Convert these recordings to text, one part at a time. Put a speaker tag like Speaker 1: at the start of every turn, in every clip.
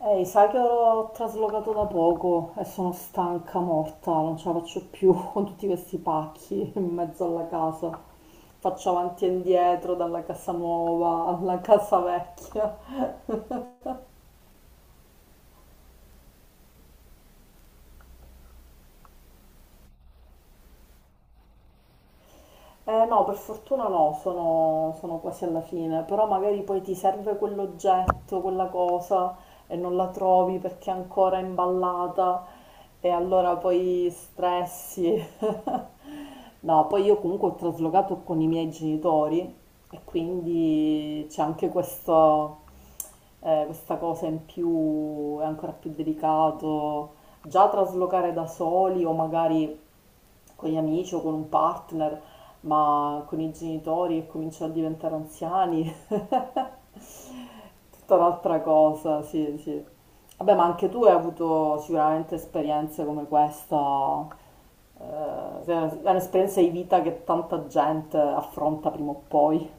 Speaker 1: Ehi, sai che ho traslocato da poco e sono stanca morta, non ce la faccio più con tutti questi pacchi in mezzo alla casa. Faccio avanti e indietro dalla casa nuova alla casa vecchia. No, per fortuna no, sono quasi alla fine, però magari poi ti serve quell'oggetto, quella cosa e non la trovi perché è ancora imballata e allora poi stressi. No, poi io comunque ho traslocato con i miei genitori e quindi c'è anche questo, questa cosa in più, è ancora più delicato. Già traslocare da soli o magari con gli amici o con un partner, ma con i genitori che cominciano a diventare anziani, tutta un'altra cosa, sì, sì. Vabbè, ma anche tu hai avuto sicuramente esperienze come questa, è un'esperienza di vita che tanta gente affronta prima o poi.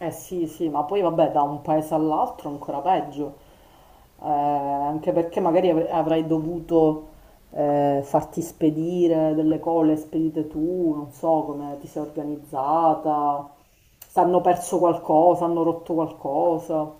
Speaker 1: Eh sì, sì, ma poi vabbè, da un paese all'altro ancora peggio. Anche perché magari avrai dovuto farti spedire delle cose spedite tu, non so come ti sei organizzata, se hanno perso qualcosa, hanno rotto qualcosa.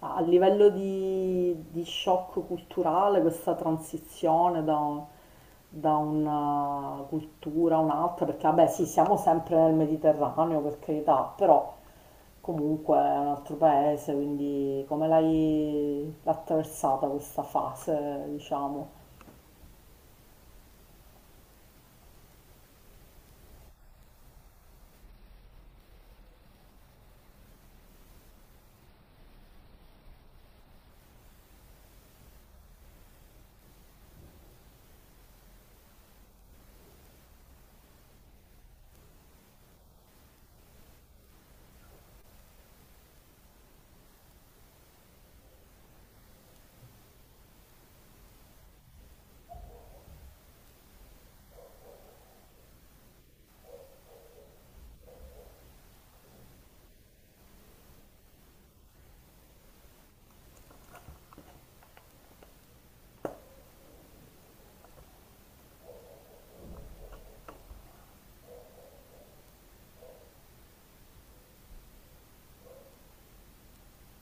Speaker 1: A livello di shock culturale, questa transizione da, da una cultura a un'altra, perché vabbè sì, siamo sempre nel Mediterraneo, per carità, però comunque è un altro paese, quindi come l'hai attraversata questa fase, diciamo?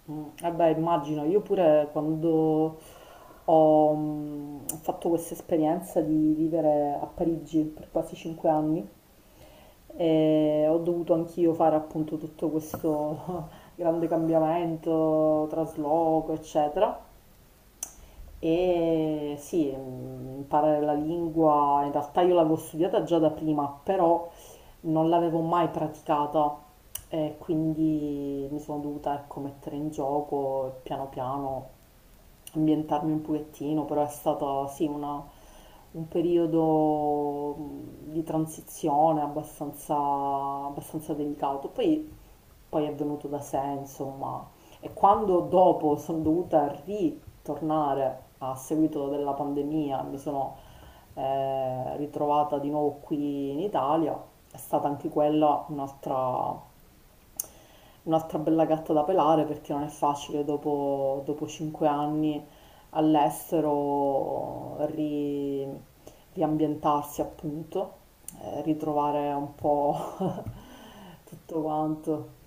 Speaker 1: Mm, eh beh, immagino, io pure quando ho fatto questa esperienza di vivere a Parigi per quasi cinque anni, e ho dovuto anch'io fare appunto tutto questo grande cambiamento, trasloco, eccetera. E sì, imparare la lingua, in realtà io l'avevo studiata già da prima, però non l'avevo mai praticata e quindi mi sono dovuta, ecco, mettere in gioco e piano piano ambientarmi un pochettino, però è stato sì un periodo di transizione abbastanza delicato. Poi è venuto da sé, insomma. E quando dopo sono dovuta ritornare a seguito della pandemia, mi sono ritrovata di nuovo qui in Italia, è stata anche quella un'altra bella gatta da pelare perché non è facile dopo, dopo cinque anni all'estero riambientarsi appunto, ritrovare un po' tutto quanto.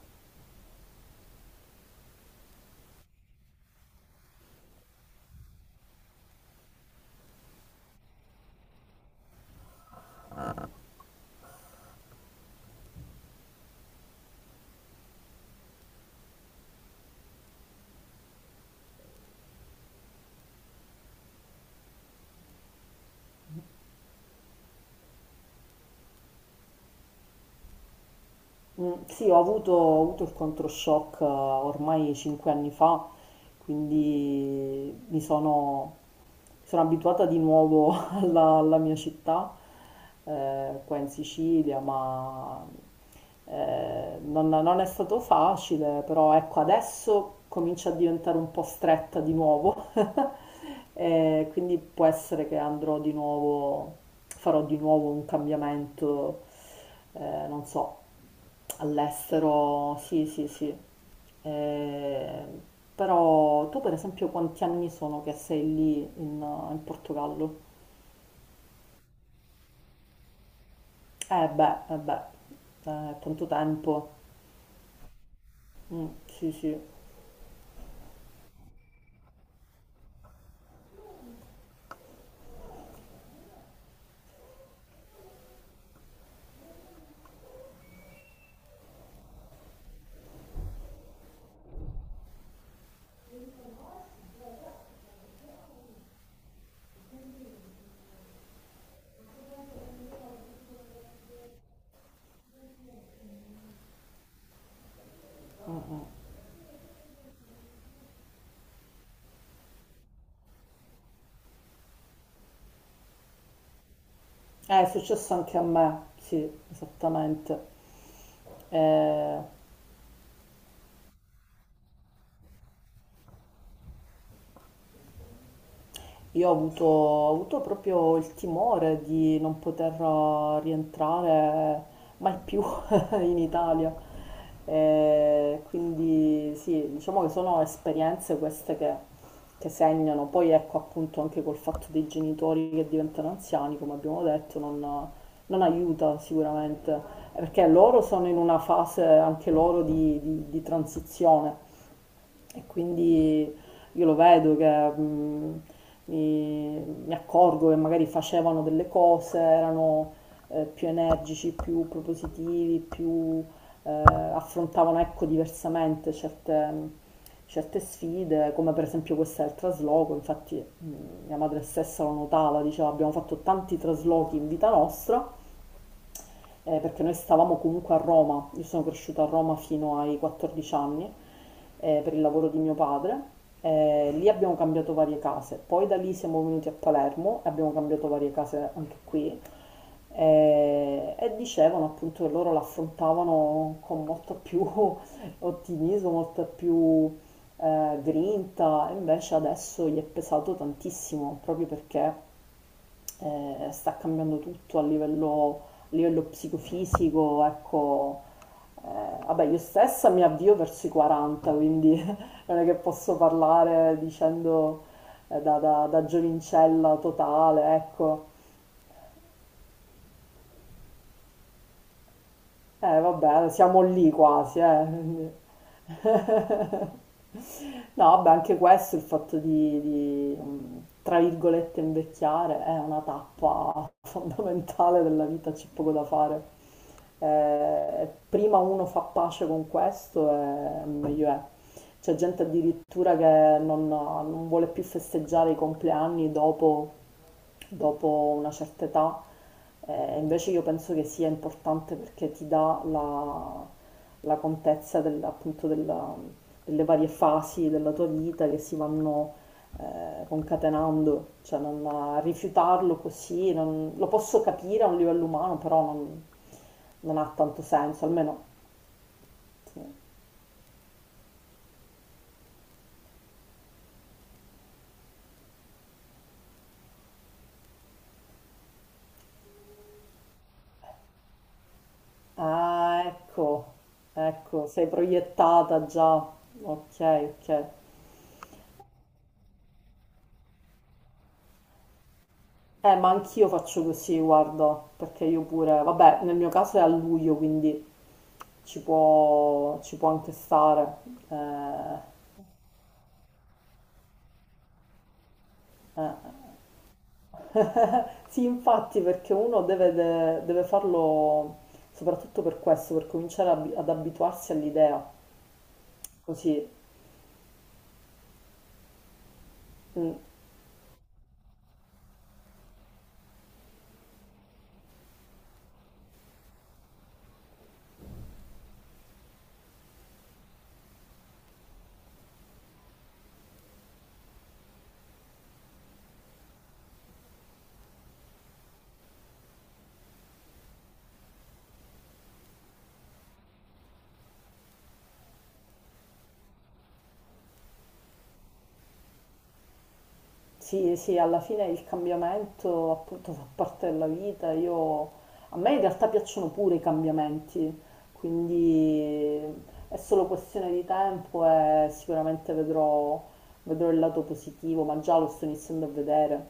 Speaker 1: Mm, sì, ho avuto il controshock ormai 5 anni fa, quindi mi sono abituata di nuovo alla, alla mia città, qua in Sicilia, ma non è stato facile, però ecco, adesso comincia a diventare un po' stretta di nuovo, e quindi può essere che andrò di nuovo, farò di nuovo un cambiamento, non so, all'estero, sì, sì, sì. Eh, però tu per esempio quanti anni sono che sei lì in in Portogallo? Eh beh, tanto tempo. Mm, sì, sì. È successo anche a me, sì, esattamente. Eh, ho avuto proprio il timore di non poter rientrare mai più in Italia. E quindi sì, diciamo che sono esperienze queste che segnano. Poi ecco appunto anche col fatto dei genitori che diventano anziani, come abbiamo detto, non aiuta sicuramente, perché loro sono in una fase anche loro di transizione. E quindi io lo vedo che mi, mi accorgo che magari facevano delle cose, erano più energici, più propositivi, più eh, affrontavano ecco, diversamente certe sfide, come per esempio questa del trasloco, infatti mia madre stessa lo notava, diceva abbiamo fatto tanti traslochi in vita nostra perché noi stavamo comunque a Roma, io sono cresciuta a Roma fino ai 14 anni per il lavoro di mio padre, lì abbiamo cambiato varie case, poi da lì siamo venuti a Palermo e abbiamo cambiato varie case anche qui e dicevano appunto che loro l'affrontavano con molto più ottimismo, molto più grinta, e invece adesso gli è pesato tantissimo proprio perché sta cambiando tutto a livello psicofisico, ecco, vabbè, io stessa mi avvio verso i 40, quindi non è che posso parlare dicendo da giovincella totale, ecco. Vabbè, siamo lì quasi, eh. Quindi. No, vabbè, anche questo, il fatto tra virgolette, invecchiare è una tappa fondamentale della vita, c'è poco da fare. Prima uno fa pace con questo, e meglio è. C'è gente addirittura che non vuole più festeggiare i compleanni dopo, dopo una certa età, invece io penso che sia importante perché ti dà la contezza appunto delle varie fasi della tua vita che si vanno concatenando, cioè non rifiutarlo così, lo posso capire a un livello umano, però non ha tanto senso, almeno... sì. Ah, ecco, ecco, sei proiettata già. Ok, ok. Ma anch'io faccio così, guarda, perché io pure, vabbè, nel mio caso è a luglio, quindi ci può anche stare. Eh, eh. Sì, infatti, perché uno deve, deve farlo soprattutto per questo, per cominciare ad abituarsi all'idea. Così. Mm. Sì, sì, alla fine il cambiamento appunto fa parte della vita. Io, a me in realtà piacciono pure i cambiamenti, quindi è solo questione di tempo e sicuramente vedrò, vedrò il lato positivo, ma già lo sto iniziando a vedere.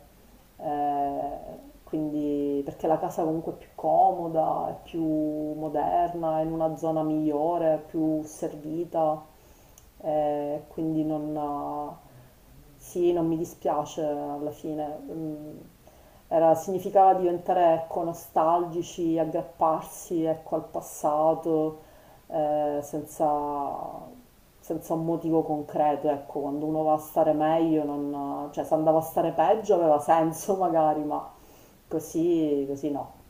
Speaker 1: Eh, quindi, perché la casa comunque è più comoda, è più moderna, è in una zona migliore, più servita, quindi non... Sì, non mi dispiace alla fine. Mm, era, significava diventare ecco, nostalgici, aggrapparsi ecco, al passato senza, senza un motivo concreto. Ecco, quando uno va a stare meglio, cioè se andava a stare peggio aveva senso magari, ma così, così no.